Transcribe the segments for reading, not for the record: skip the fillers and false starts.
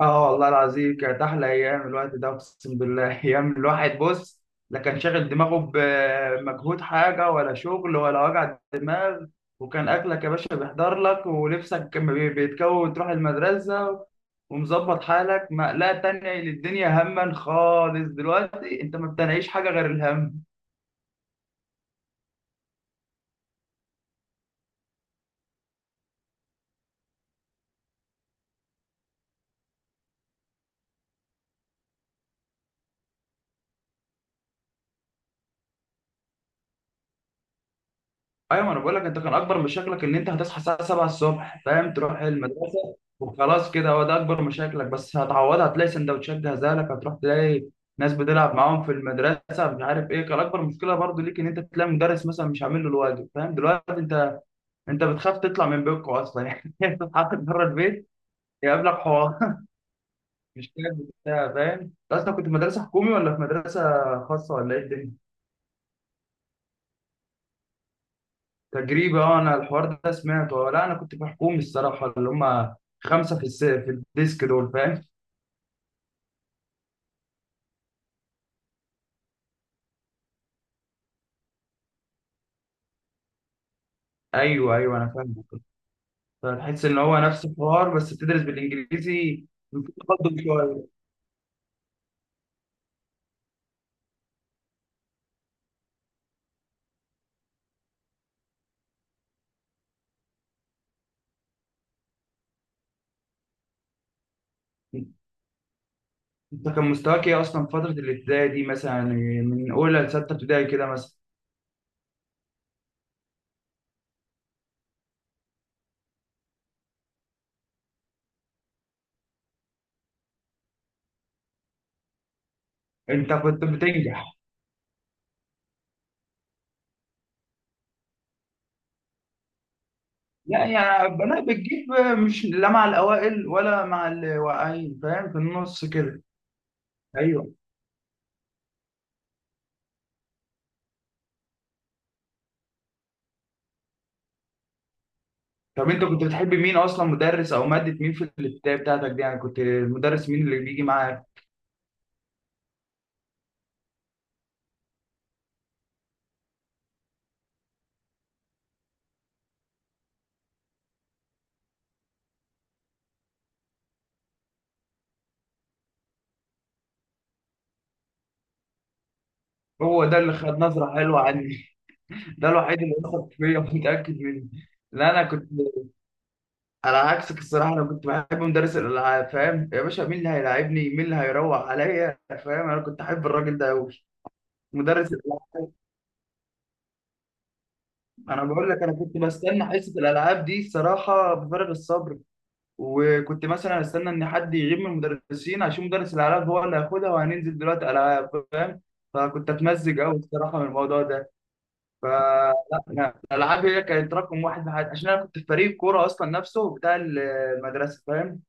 اه والله العظيم كانت احلى ايام الوقت ده، اقسم بالله. ايام الواحد بص، لا كان شاغل دماغه بمجهود حاجه ولا شغل ولا وجع دماغ. وكان اكلك يا باشا بيحضر لك، ولبسك كان بيتكون تروح المدرسه، ومظبط حالك، مقلقه تانية للدنيا هما خالص. دلوقتي انت ما بتنعيش حاجه غير الهم. ايوه، ما انا بقول لك، انت كان اكبر مشاكلك ان انت هتصحى الساعه 7 الصبح، فاهم، تروح المدرسه وخلاص كده، هو ده اكبر مشاكلك، بس هتعوضها هتلاقي سندوتشات جاهزه لك، هتروح تلاقي ناس بتلعب معاهم في المدرسه. مش عارف ايه كان اكبر مشكله برضو ليك، ان انت تلاقي مدرس مثلا مش عامل له الواجب، فاهم دلوقتي انت بتخاف تطلع من بيتكم اصلا. يعني تتحط بره البيت يقابلك حوار. مش كده بتاع، فاهم انت اصلا كنت في مدرسه حكومي ولا في مدرسه خاصه ولا ايه الدنيا؟ تجريبي، اه انا الحوار ده سمعته. اه، لا انا كنت في حكومي الصراحه، اللي هم خمسه في في الديسك دول، فاهم. ايوه ايوه انا فاهم. فتحس ان هو نفس الحوار بس بتدرس بالانجليزي، تقدم شويه. انت كان مستواك ايه اصلا في فتره الابتدائي دي مثلا، يعني من اولى لسته ابتدائي كده مثلا؟ انت كنت بتنجح؟ لا يعني انا بتجيب، مش لا مع الاوائل ولا مع الواقعين، فاهم، في النص كده. ايوه. طب انت كنت بتحب مين اصلا، مدرس او ماده مين في الابتدائي بتاعتك دي؟ يعني كنت مدرس مين اللي بيجي معاك؟ هو ده اللي خد نظره حلوه عني. ده الوحيد اللي وثق فيا، متاكد منه. لا انا كنت على عكسك الصراحه، انا كنت بحب مدرس الالعاب، فاهم يا باشا، مين اللي هيلاعبني، مين اللي هيروح عليا، فاهم، انا كنت احب الراجل ده قوي. مدرس الالعاب، انا بقول لك انا كنت بستنى حصه الالعاب دي الصراحه بفارغ الصبر. وكنت مثلا استنى ان حد يغيب من المدرسين عشان مدرس الالعاب هو اللي هياخدها وهننزل دلوقتي العاب، فاهم. فكنت اتمزج قوي الصراحه من الموضوع ده. فلا، أنا الالعاب هي كانت رقم 1 في حياتي، عشان انا كنت في فريق كوره اصلا نفسه بتاع المدرسه، فاهم.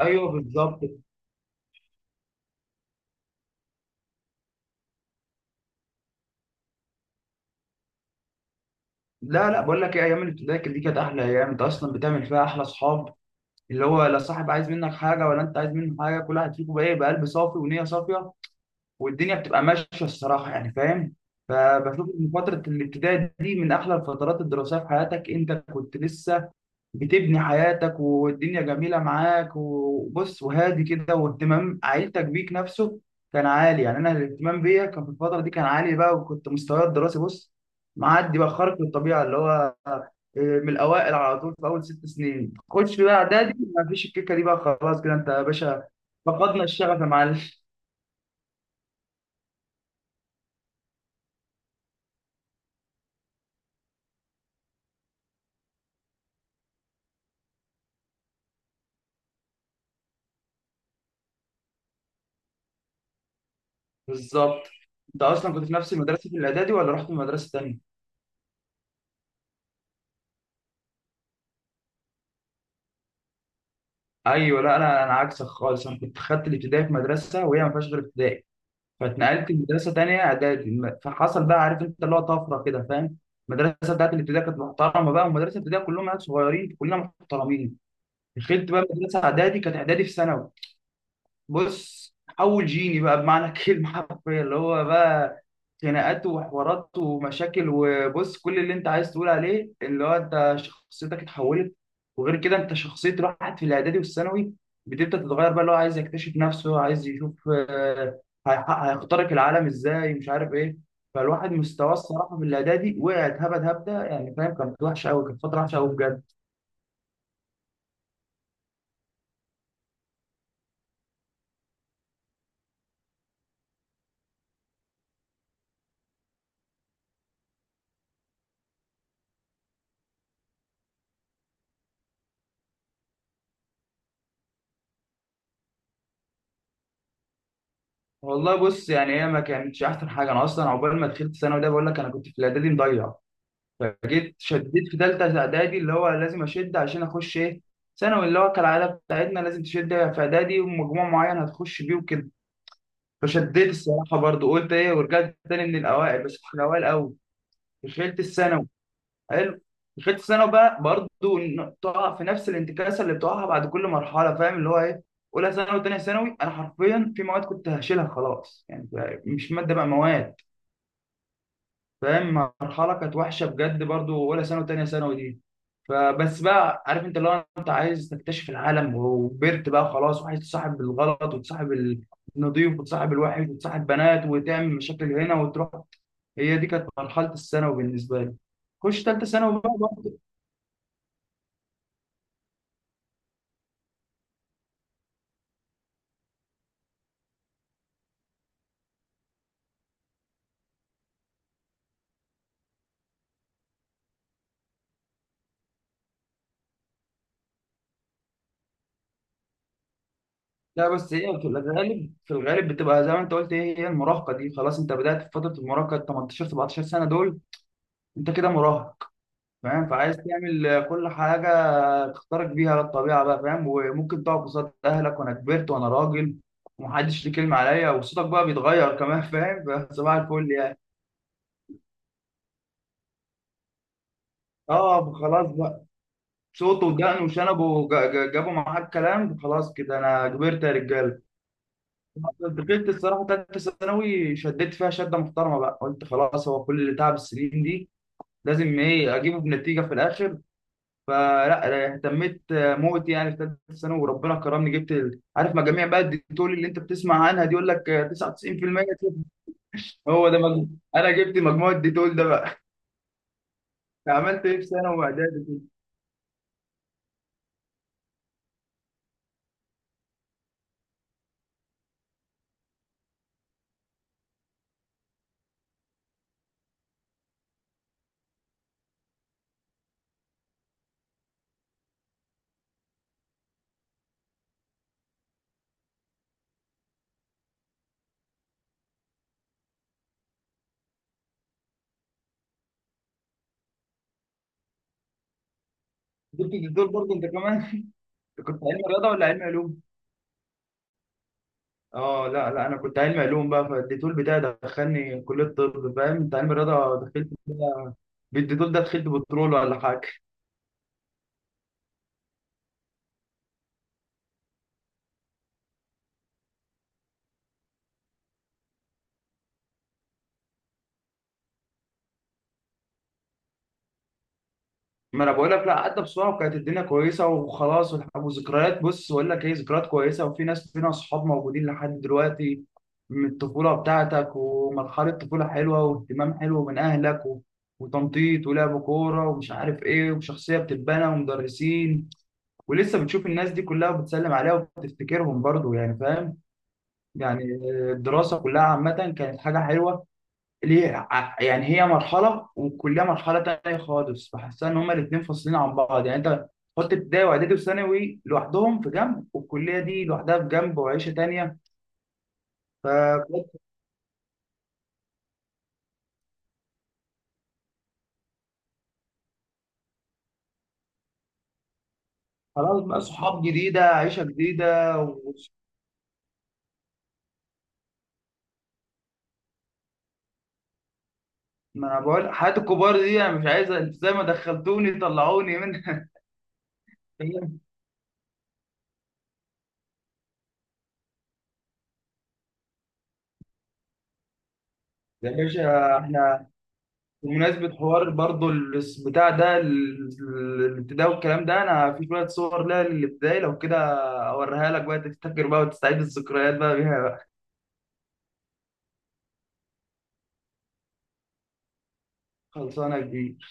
ايوه بالظبط. لا لا بقول لك ايه، ايام الابتدائي دي كانت احلى ايام، انت اصلا بتعمل فيها احلى اصحاب، اللي هو لا صاحب عايز منك حاجه ولا انت عايز منه حاجه، كل واحد فيكم بقى يبقى قلب صافي ونيه صافيه، والدنيا بتبقى ماشيه الصراحه يعني، فاهم. فبشوف ان فتره الابتدائي دي من احلى الفترات الدراسيه في حياتك، انت كنت لسه بتبني حياتك، والدنيا جميله معاك وبص وهادي كده، واهتمام عيلتك بيك نفسه كان عالي. يعني انا الاهتمام بيا كان في الفتره دي كان عالي بقى، وكنت مستواي الدراسي بص، معدي بقى خارق للطبيعه، اللي هو من الاوائل على طول في اول 6 سنين. خش بقى اعدادي، ما فيش الكيكه دي بقى خلاص كده انت يا باشا، فقدنا الشغف يا معلم. بالظبط. انت اصلا كنت في نفس المدرسه في الاعدادي ولا رحت من مدرسه تانيه؟ ايوه، لا انا عكسك خالص، انا كنت خدت الابتدائي في مدرسه وهي ما فيهاش غير ابتدائي، فاتنقلت لمدرسه تانيه اعدادي فحصل بقى، عارف انت، اللي هو طفره كده، فاهم. المدرسه بتاعت الابتدائي كانت محترمه بقى، ومدرسه الابتدائي كلهم عيال صغيرين، كلنا محترمين. دخلت بقى مدرسه اعدادي، كانت اعدادي في ثانوي. بص، اول جيني بقى بمعنى الكلمه حرفيا، اللي هو بقى خناقات وحوارات ومشاكل، وبص كل اللي انت عايز تقول عليه، اللي هو انت شخصيتك اتحولت. وغير كده، انت شخصيه راحت في الاعدادي والثانوي بتبدا تتغير بقى، اللي هو عايز يكتشف نفسه، عايز يشوف هيخترق العالم ازاي، مش عارف ايه. فالواحد مستواه الصراحه في الاعدادي وقع اتهبد هبده، يعني فاهم، كانت وحشه قوي، كانت فتره وحشه قوي بجد. والله بص، يعني هي ما كانتش احسن حاجه، انا اصلا عقبال ما دخلت ثانوي ده بقول لك انا كنت في الاعدادي مضيع. جيت شديت في ثالثه اعدادي، اللي هو لازم اشد عشان اخش ايه، ثانوي، اللي هو كالعاده بتاعتنا لازم تشد في اعدادي ومجموع معين هتخش بيه وكده. فشديت الصراحه، برضو قلت ايه، ورجعت تاني من الاوائل، بس في الاوائل قوي. دخلت الثانوي. حلو. دخلت الثانوي بقى برضو، تقع في نفس الانتكاسه اللي بتقعها بعد كل مرحله، فاهم، اللي هو ايه، اولى ثانوي وثانيه ثانوي انا حرفيا في مواد كنت هشيلها خلاص، يعني مش ماده بقى، مواد، فاهم. مرحله كانت وحشه بجد برضو، اولى ثانوي وثانيه ثانوي دي. فبس بقى، عارف انت، لو انت عايز تكتشف العالم وكبرت بقى خلاص، وعايز تصاحب الغلط وتصاحب النضيف وتصاحب الوحش وتصاحب بنات وتعمل مشاكل هنا وتروح، هي دي كانت مرحلة الثانوي بالنسبة لي. خش ثالثة ثانوي بقى برضه. لا بس هي في الغالب، في الغالب بتبقى زي ما انت قلت، هي هي المراهقة دي، خلاص انت بدأت في فترة المراهقة، 18 17 سنة دول انت كده مراهق، فاهم، فعايز تعمل كل حاجة تختارك بيها للطبيعة بقى، فاهم، وممكن تقعد قصاد أهلك وأنا كبرت وأنا راجل ومحدش ليه كلمة عليا، وصوتك بقى بيتغير كمان، فاهم. فصباح الفل يعني. اه خلاص بقى، صوته ودقنه وشنبه جابوا معاك كلام، خلاص كده أنا كبرت يا رجالة. دخلت الصراحة تالتة ثانوي، شديت فيها شدة محترمة بقى، قلت خلاص، هو كل تعب السنين دي لازم إيه أجيبه بنتيجة في الآخر. فلا، اهتميت موت يعني في ثالثه ثانوي، وربنا كرمني جبت عارف مجاميع بقى الديتول اللي انت بتسمع عنها دي، يقول لك 99%، هو ده مجموع. انا جبت مجموع الديتول ده بقى. عملت ايه في ثانوي واعدادي، جبت الديتول برضه انت كمان. أنت كنت علم رياضه ولا علم علوم؟ اه لا لا، انا كنت علم علوم بقى، فالديتول بتاعي دخلني كليه طب، فاهم انت علم رياضه دخلت بالديتول ده، دخلت بترول ولا حاجه. ما انا بقول لك لا، عدى بسرعه وكانت الدنيا كويسه وخلاص، وذكريات بص، بقول لك ايه، ذكريات كويسه، وفي ناس فينا اصحاب موجودين لحد دلوقتي من الطفوله بتاعتك، ومرحله طفوله حلوه، واهتمام حلو من اهلك و... وتنطيط ولعب كوره ومش عارف ايه، وشخصيه بتتبنى، ومدرسين ولسه بتشوف الناس دي كلها وبتسلم عليها وبتفتكرهم برضو، يعني فاهم، يعني الدراسه كلها عامه كانت حاجه حلوه. ليه يعني هي مرحله، والكليه مرحله تانية خالص، بحسها ان هما الاثنين فاصلين عن بعض، يعني انت حط ابتدائي واعدادي وثانوي لوحدهم في جنب، والكليه دي لوحدها في جنب وعيشه تانية. فبجد خلاص بقى، صحاب جديده، عيشه جديده و... ما انا بقول حياه الكبار دي انا مش عايز، انت زي ما دخلتوني طلعوني منها. يا باشا احنا، بمناسبة حوار برضو بتاع ده، الابتداء والكلام ده، انا في شوية صور لها للابتدائي، لو كده اوريها لك بقى تفتكر بقى وتستعيد الذكريات بقى بيها بقى. خلصانة يا كبير.